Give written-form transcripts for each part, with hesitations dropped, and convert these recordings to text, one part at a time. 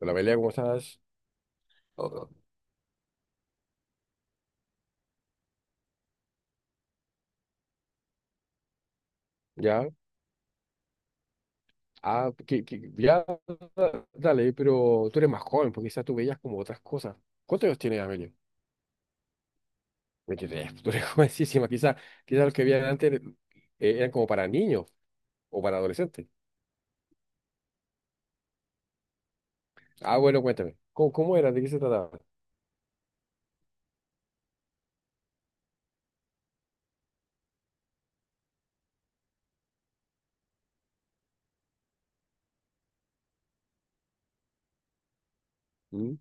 Hola Amelia, ¿cómo estás? Oh. Ya. Ya, dale, pero tú eres más joven, porque quizás tú veías como otras cosas. ¿Cuántos años tienes, Amelia? 23, tú eres jovencísima. Quizás los que veían antes eran como para niños o para adolescentes. Ah, bueno, cuéntame, ¿cómo, era? ¿De qué se trataba? ¿Mm?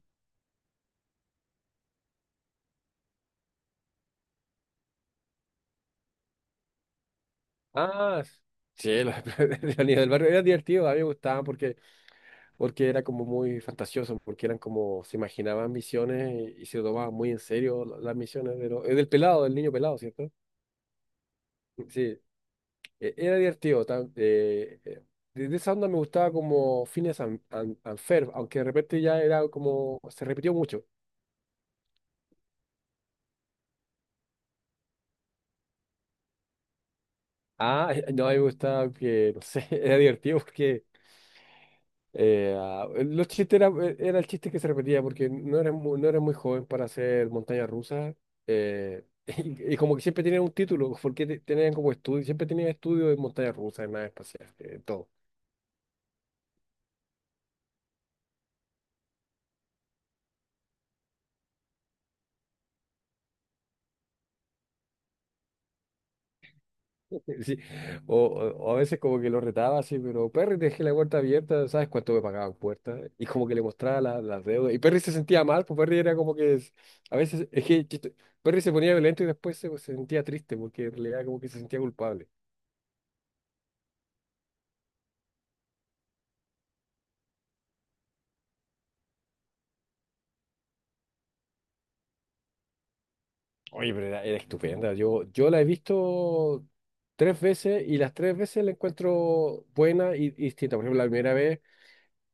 Ah, sí, los de la niña del barrio era divertido, a mí me gustaban porque era como muy fantasioso, porque eran como, se imaginaban misiones y se tomaban muy en serio las misiones del pelado, del niño pelado, cierto. Sí, era divertido. Desde esa onda me gustaba como Phineas and Ferb, aunque de repente ya era como, se repitió mucho. Ah, no, a mí me gustaba que, no sé, era divertido porque los chistes era el chiste que se repetía porque no eres muy joven para hacer montaña rusa, eh, y como que siempre tenían un título, porque tenían como estudio, siempre tenían estudio de montaña rusa, de nave espacial, todo. Sí. O a veces como que lo retaba así, pero Perry, te dejé la puerta abierta, ¿sabes cuánto me pagaba puerta? Y como que le mostraba las deudas. Y Perry se sentía mal, pues Perry era como que es- a veces, es que chiste- Perry se ponía violento y después se sentía triste porque en realidad como que se sentía culpable. Oye, pero era estupenda. Yo la he visto tres veces y las tres veces la encuentro buena y distinta. Por ejemplo, la primera vez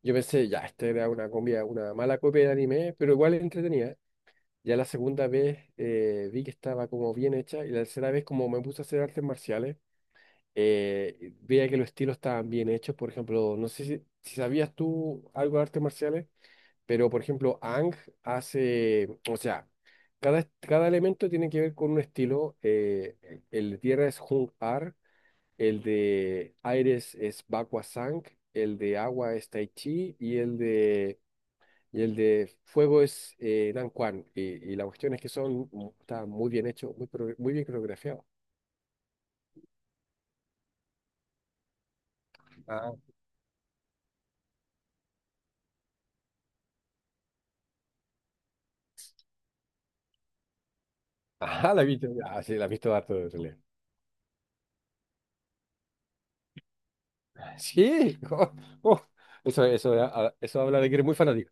yo pensé, ya, esta era una comida, una mala copia de anime, pero igual entretenida. Ya la segunda vez vi que estaba como bien hecha y la tercera vez como me puse a hacer artes marciales, veía que los estilos estaban bien hechos. Por ejemplo, no sé si sabías tú algo de artes marciales, pero por ejemplo, Ang hace, o sea, cada elemento tiene que ver con un estilo. El de tierra es Hung Ar, el de aire es Bakwa Sang, el de agua es Tai Chi y el de... Y el de fuego es Dan Kwan. Y la cuestión es que son, está muy bien hecho, muy bien coreografiado. Ah, ajá, la he visto. Ah, sí, la he visto harto de realidad. Sí, oh, oh. Eso, eso habla de que eres muy fanático.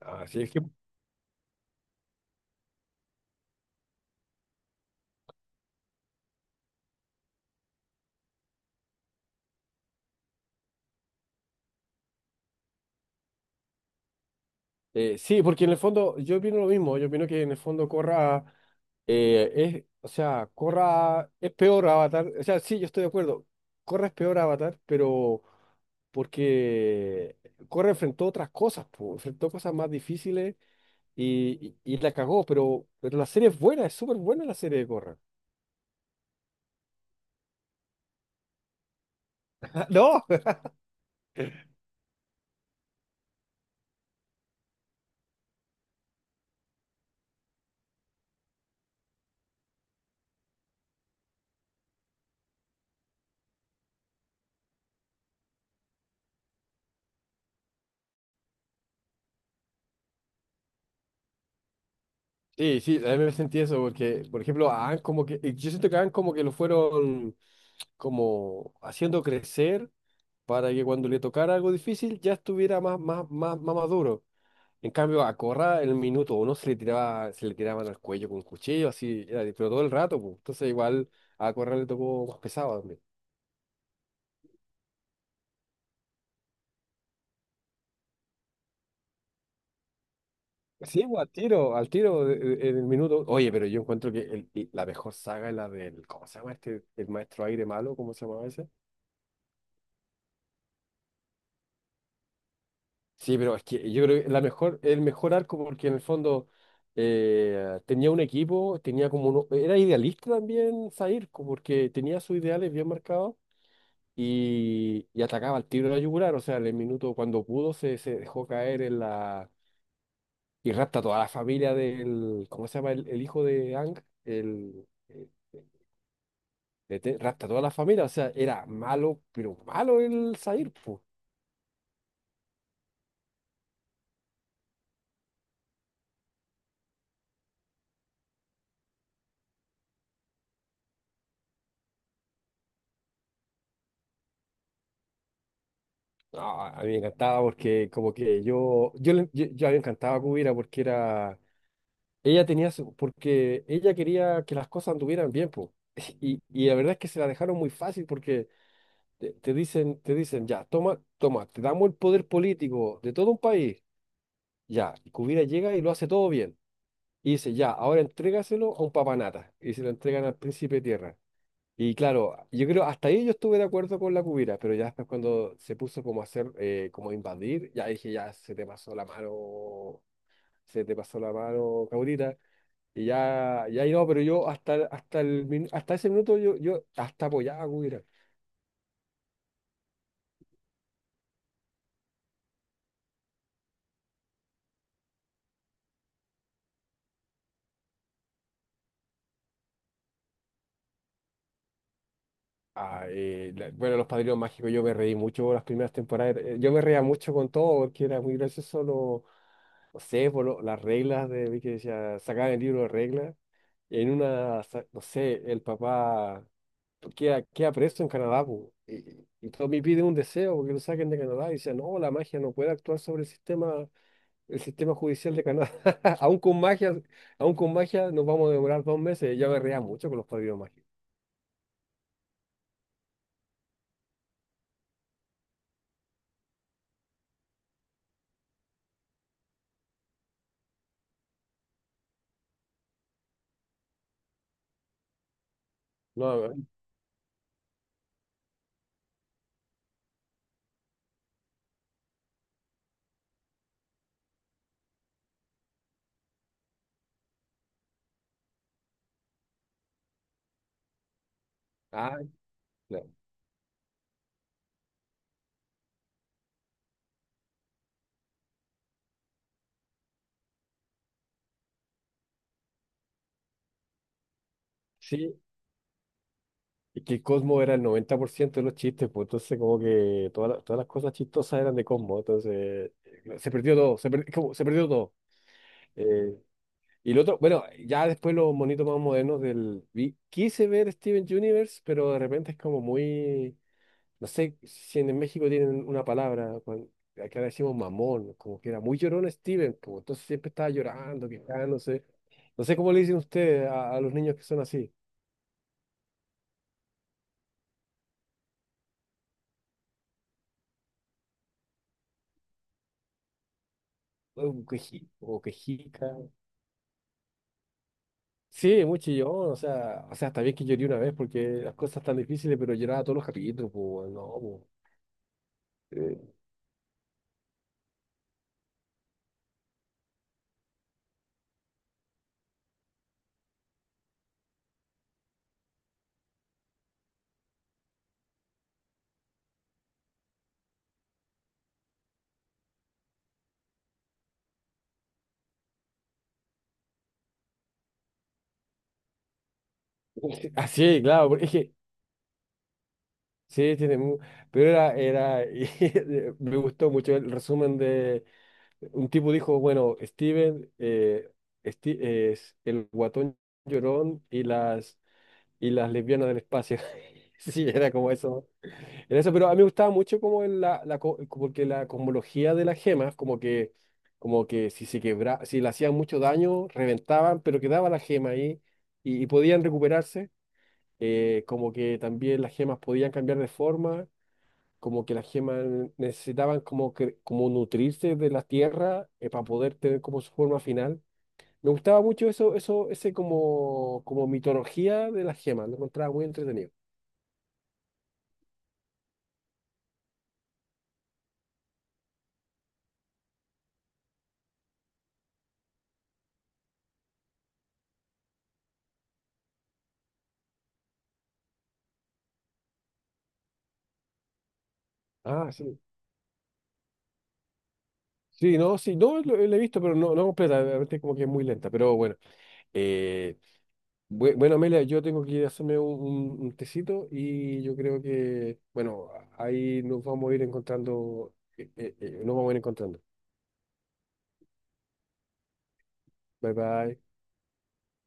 Ah, sí, es que sí, porque en el fondo yo opino lo mismo, yo opino que en el fondo Corra es, o sea, Corra es peor Avatar, o sea, sí, yo estoy de acuerdo, Corra es peor Avatar, porque Corra enfrentó otras cosas, po, enfrentó cosas más difíciles y la cagó, pero la serie es buena, es súper buena la serie de Corra. No. Sí, sí, a mí me sentí eso, porque, por ejemplo, a Aang como que, yo siento que a Aang como que lo fueron... como haciendo crecer para que cuando le tocara algo difícil ya estuviera más, más, más, más maduro. En cambio, a Corra en el minuto uno se le tiraban al cuello con cuchillo, así, era pero todo el rato, pues. Entonces igual a Corra le tocó más pesado también. Sí, pues, al tiro en el minuto. Oye, pero yo encuentro que y la mejor saga es la del, ¿cómo se llama este? El maestro aire malo, ¿cómo se llama ese? Sí, pero es que yo creo que la mejor, el mejor arco, porque en el fondo tenía un equipo, tenía como uno, era idealista también Zair, porque tenía sus ideales bien marcados y atacaba al tiro de la yugular. O sea, en el minuto cuando pudo se dejó caer en la. Y rapta a toda la familia del. ¿Cómo se llama? El hijo de Ang, rapta a toda la familia. O sea, era malo, pero malo el Zair. No, a mí me encantaba porque como que yo a mí me encantaba a Cubira porque ella tenía, porque ella quería que las cosas anduvieran bien, po. Y la verdad es que se la dejaron muy fácil porque te dicen, ya, toma, toma, te damos el poder político de todo un país, ya, y Cubira llega y lo hace todo bien. Y dice, ya, ahora entrégaselo a un papanata. Y se lo entregan al príncipe de tierra. Y claro, yo creo, hasta ahí yo estuve de acuerdo con la cubira, pero ya después cuando se puso como a hacer, como a invadir, ya dije, ya se te pasó la mano, se te pasó la mano, caudita, y ya, ya ahí no, pero yo hasta ese minuto yo hasta apoyaba a cubira. Ah, bueno, Los Padrinos Mágicos, yo me reí mucho las primeras temporadas, yo me reía mucho con todo, porque era muy gracioso, lo, no sé, las reglas de, vi que decía, sacaban el libro de reglas, en una, no sé, el papá... queda preso en Canadá, po. Y Tommy pide un deseo porque lo saquen de Canadá y dice, no, la magia no puede actuar sobre el sistema judicial de Canadá. Aún con magia, aún con magia nos vamos a demorar 2 meses. Ya me reía mucho con los padrinos mágicos. No, no. Ah, claro. Sí, y que Cosmo era el 90% de los chistes, pues entonces como que todas las cosas chistosas eran de Cosmo, entonces se, perdió todo, se, per- como- se perdió todo. Eh, Y el otro, bueno, ya después los monitos más modernos del... Quise ver Steven Universe, pero de repente es como muy... No sé si en México tienen una palabra, acá le decimos mamón, como que era muy llorón Steven, como entonces siempre estaba llorando, quejándose. No sé cómo le dicen ustedes a los niños que son así, o quejica. Sí, muy chillón, o sea, está bien que lloré una vez porque las cosas están difíciles, pero lloraba todos los capítulos, pues, no, pues. Así, claro, porque es que sí, tiene pero me gustó mucho el resumen de, un tipo dijo, bueno, Steven es el guatón llorón y las lesbianas del espacio. Sí, era como eso, era eso, pero a mí me gustaba mucho como porque la cosmología de las gemas, como que si se quebra, si le hacían mucho daño, reventaban, pero quedaba la gema ahí y podían recuperarse como que también las gemas podían cambiar de forma como que las gemas necesitaban como, como nutrirse de la tierra para poder tener como su forma final. Me gustaba mucho eso, ese como, como mitología de las gemas, lo encontraba muy entretenido. Ah, sí. Sí, no, sí, no, lo he visto, pero no, no completa, realmente como que es muy lenta, pero bueno. Eh, bueno, Amelia, yo tengo que ir a hacerme un, un tecito y yo creo que, bueno, ahí nos vamos a ir encontrando, nos vamos a ir encontrando. Bye bye.